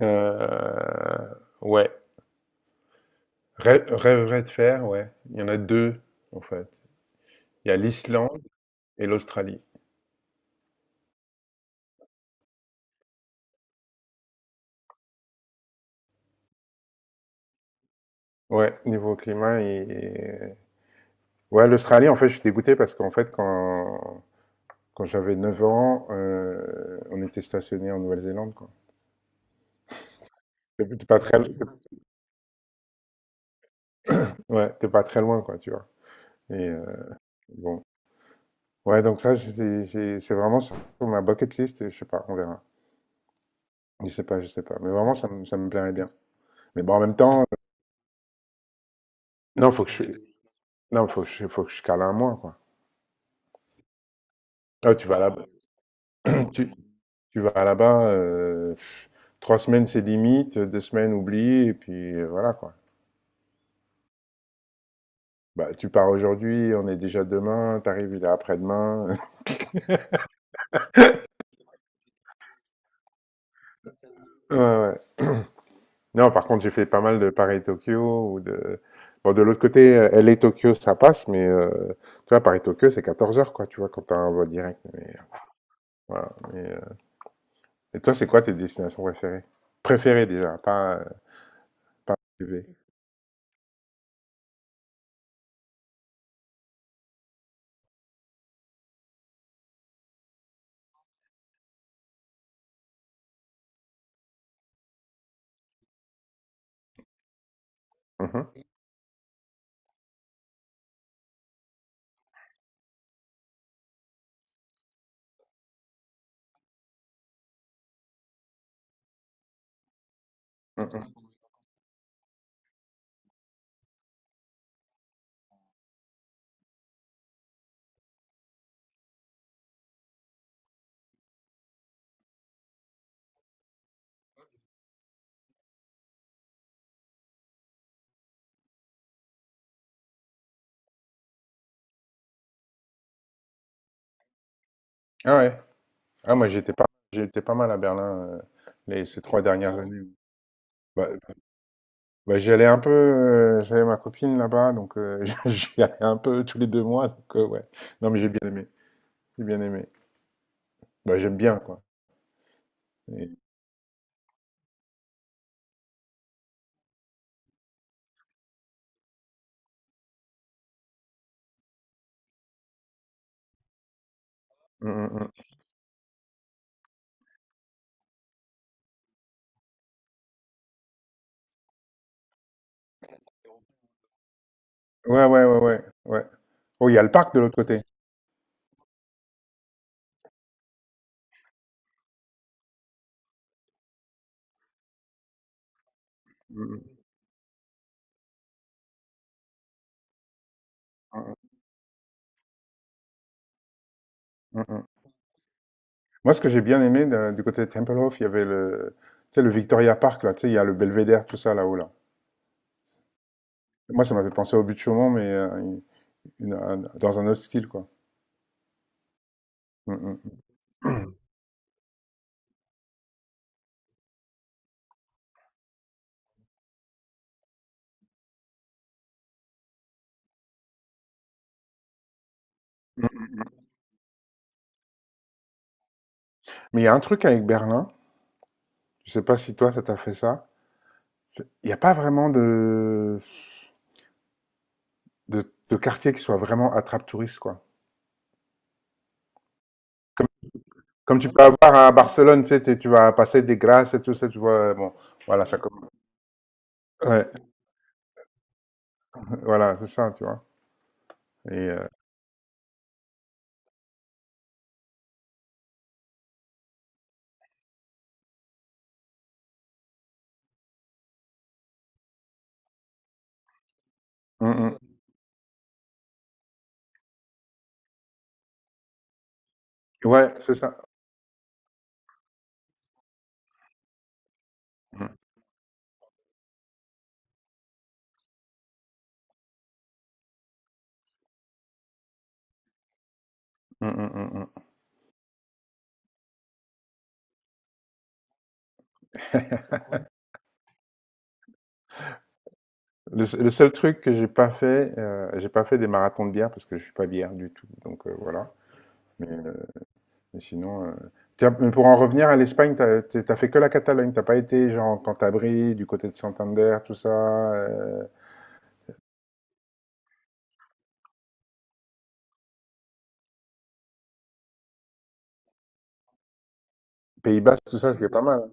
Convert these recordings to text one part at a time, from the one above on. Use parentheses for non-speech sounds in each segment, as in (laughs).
Euh, ouais. Rêverais de faire, ouais. Il y en a deux, en fait. Il y a l'Islande et l'Australie. Ouais, niveau climat et. Ouais, l'Australie, en fait, je suis dégoûté parce qu'en fait, quand j'avais 9 ans, on était stationné en Nouvelle-Zélande, quoi. T'es pas très. Ouais, t'es pas très loin, quoi, tu vois. Et bon. Ouais, donc ça, c'est vraiment sur ma bucket list, et je sais pas, on verra. Je sais pas, je sais pas. Mais vraiment, ça me plairait bien. Mais bon, en même temps, non, faut que je, non, faut que je cale un mois, quoi. Ah, tu vas là-bas, (clears throat) tu, tu vas là-bas, 3 semaines c'est limite, 2 semaines oublie, et puis voilà, quoi. Bah, tu pars aujourd'hui, on est déjà demain, t'arrives, il est après-demain. (laughs) Ouais, ouais. Non, par contre, j'ai fait pas mal de Paris-Tokyo ou de. Bon, de l'autre côté, LA-Tokyo, ça passe, mais tu vois, Paris-Tokyo, c'est 14 heures, quoi, tu vois, quand t'as un vol direct. Mais, voilà. Mais, et toi, c'est quoi tes destinations préférées? Préférées, déjà, pas, pas privées. Mhm. Mhm. Ah ouais. Ah, moi, j'étais pas mal à Berlin, ces 3 dernières années. Bah, bah, j'y allais un peu, j'avais ma copine là-bas, donc (laughs) j'y allais un peu tous les 2 mois. Donc, ouais. Non, mais j'ai bien aimé. J'ai bien aimé. Bah, j'aime bien, quoi. Et- Mm, mm, mm. Ouais, ouais, ouais, ouais, ouais. Oh, il y a le parc de l'autre côté. Mm, mm, mm, mm, mm. Mm. Moi, ce que j'ai bien aimé du côté de Tempelhof, il y avait le, tu sais, le Victoria Park, là, tu sais, il y a le Belvédère, tout ça là-haut, là. Moi, ça m'avait pensé au but de Chaumont, mais dans un autre style, quoi. Mm, mm, mm. (clears throat) Mais il y a un truc avec Berlin, je sais pas si toi ça t'a fait ça, il n'y a pas vraiment de, quartier qui soit vraiment attrape-touriste, quoi. Comme tu peux avoir à Barcelone, tu sais, tu vas passer des grâces et tout ça, tu vois, bon, voilà, ça commence. Ouais, (laughs) voilà, c'est ça, tu vois. Et, mm, mm. Ouais, c'est ça. Mm, mm, mm, mm. (laughs) Le seul truc que j'ai pas fait, des marathons de bière parce que je suis pas bière du tout, donc voilà. Mais sinon. Tiens, pour en revenir à l'Espagne, t'as fait que la Catalogne. T'as pas été, genre, Cantabrie, du côté de Santander, tout ça. Pays Basque, tout ça, ce qui est pas mal, hein.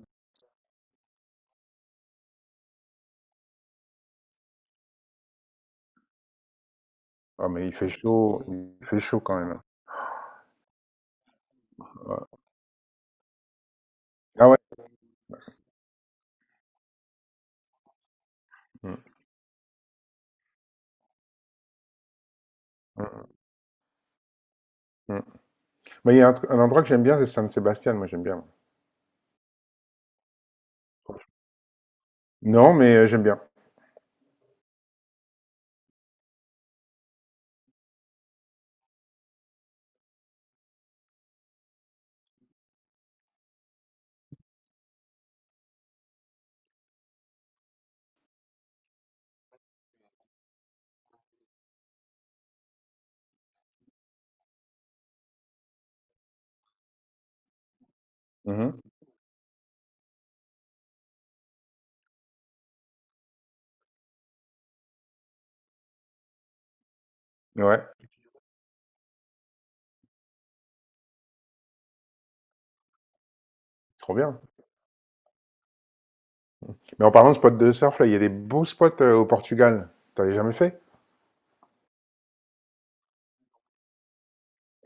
Ah, mais il fait chaud. Il fait chaud quand même, hein. Ouais. Ah ouais. Mm, mm, mm. Mais il y a un endroit que j'aime bien, c'est San Sébastien. Moi, j'aime bien. Non, mais j'aime bien. Mhm. Ouais, trop bien. Mais en parlant de spots de surf, là, il y a des beaux spots au Portugal. T'avais jamais fait?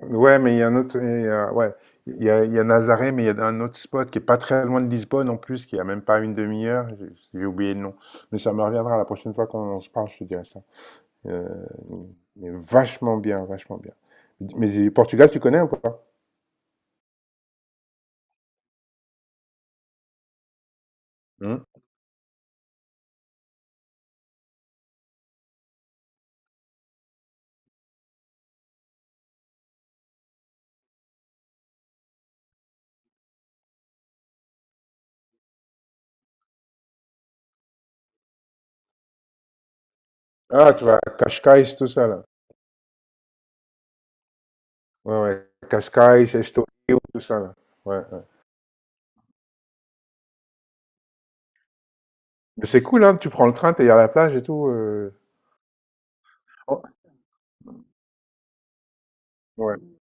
Ouais, mais il y a un autre. Et, ouais, il y a Nazaré, mais il y a un autre spot qui est pas très loin de Lisbonne en plus, qui a même pas une demi-heure. J'ai oublié le nom, mais ça me reviendra la prochaine fois qu'on se parle. Je te dirai ça. Euh, mais vachement bien, vachement bien. Mais Portugal, tu connais ou pas? Hmm. Ah, tu vas Cascais, tout ça là. Ouais, ouais. Cascais, Estoril, tout ça là. Ouais, ouais. Mais c'est cool, hein. Tu prends le train, t'es à la plage et tout. Oh, ouais.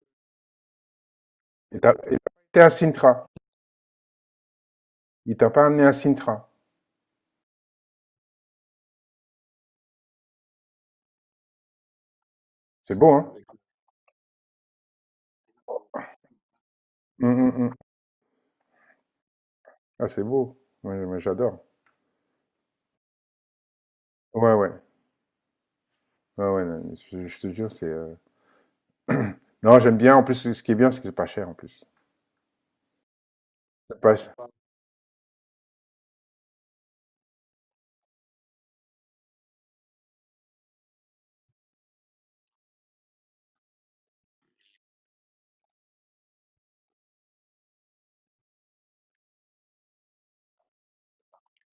Et t'as pas à Sintra. Il t'a pas amené à Sintra. C'est beau, hein? Hum, hum, hum. Ah, c'est beau. Ouais, moi, j'adore. Ouais, ouais. Ouais, ouais, non, je te jure, c'est. (clears throat) Non, j'aime bien. En plus, ce qui est bien, c'est que c'est pas cher en plus. C'est pas ch-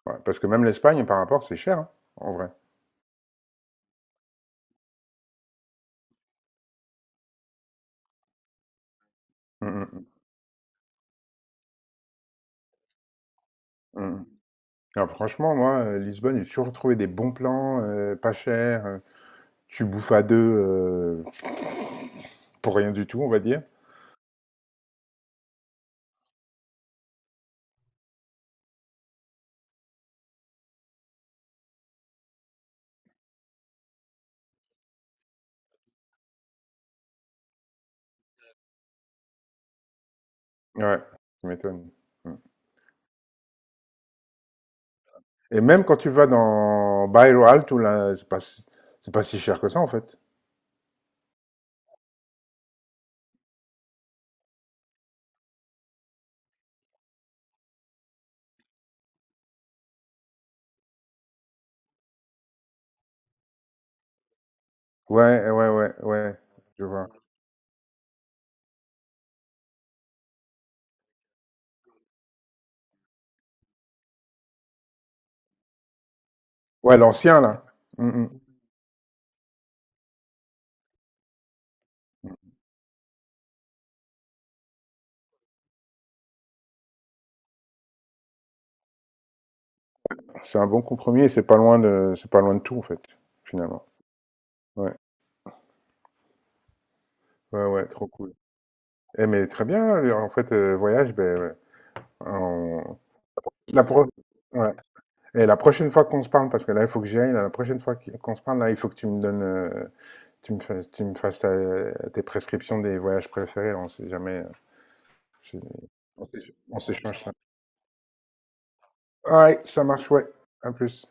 Ouais, parce que même l'Espagne, par rapport, c'est cher, hein, en vrai. Mm, mm, mm. Alors, franchement, moi, Lisbonne, j'ai toujours trouvé des bons plans, pas cher. Tu bouffes à deux pour rien du tout, on va dire. Ouais, ça m'étonne. Mm. Et même quand tu vas dans Bairro Alto, là, c'est pas si cher que ça, en fait. Ouais, ouais, ouais, ouais, je vois. Ouais, l'ancien là. Mm, mm. C'est un bon compromis et c'est pas loin de tout en fait, finalement. Ouais, ouais, ouais, trop cool. Eh mais très bien. En fait, voyage, ben, ouais. On- la pro- ouais. Et la prochaine fois qu'on se parle, parce que là, il faut que j'y aille. Là, la prochaine fois qu'on se parle, là, il faut que tu me donnes, tu me fasses, tes prescriptions des voyages préférés. Là, on sait jamais. Je- on s'échange ça. Alright, ça marche, ouais. À plus.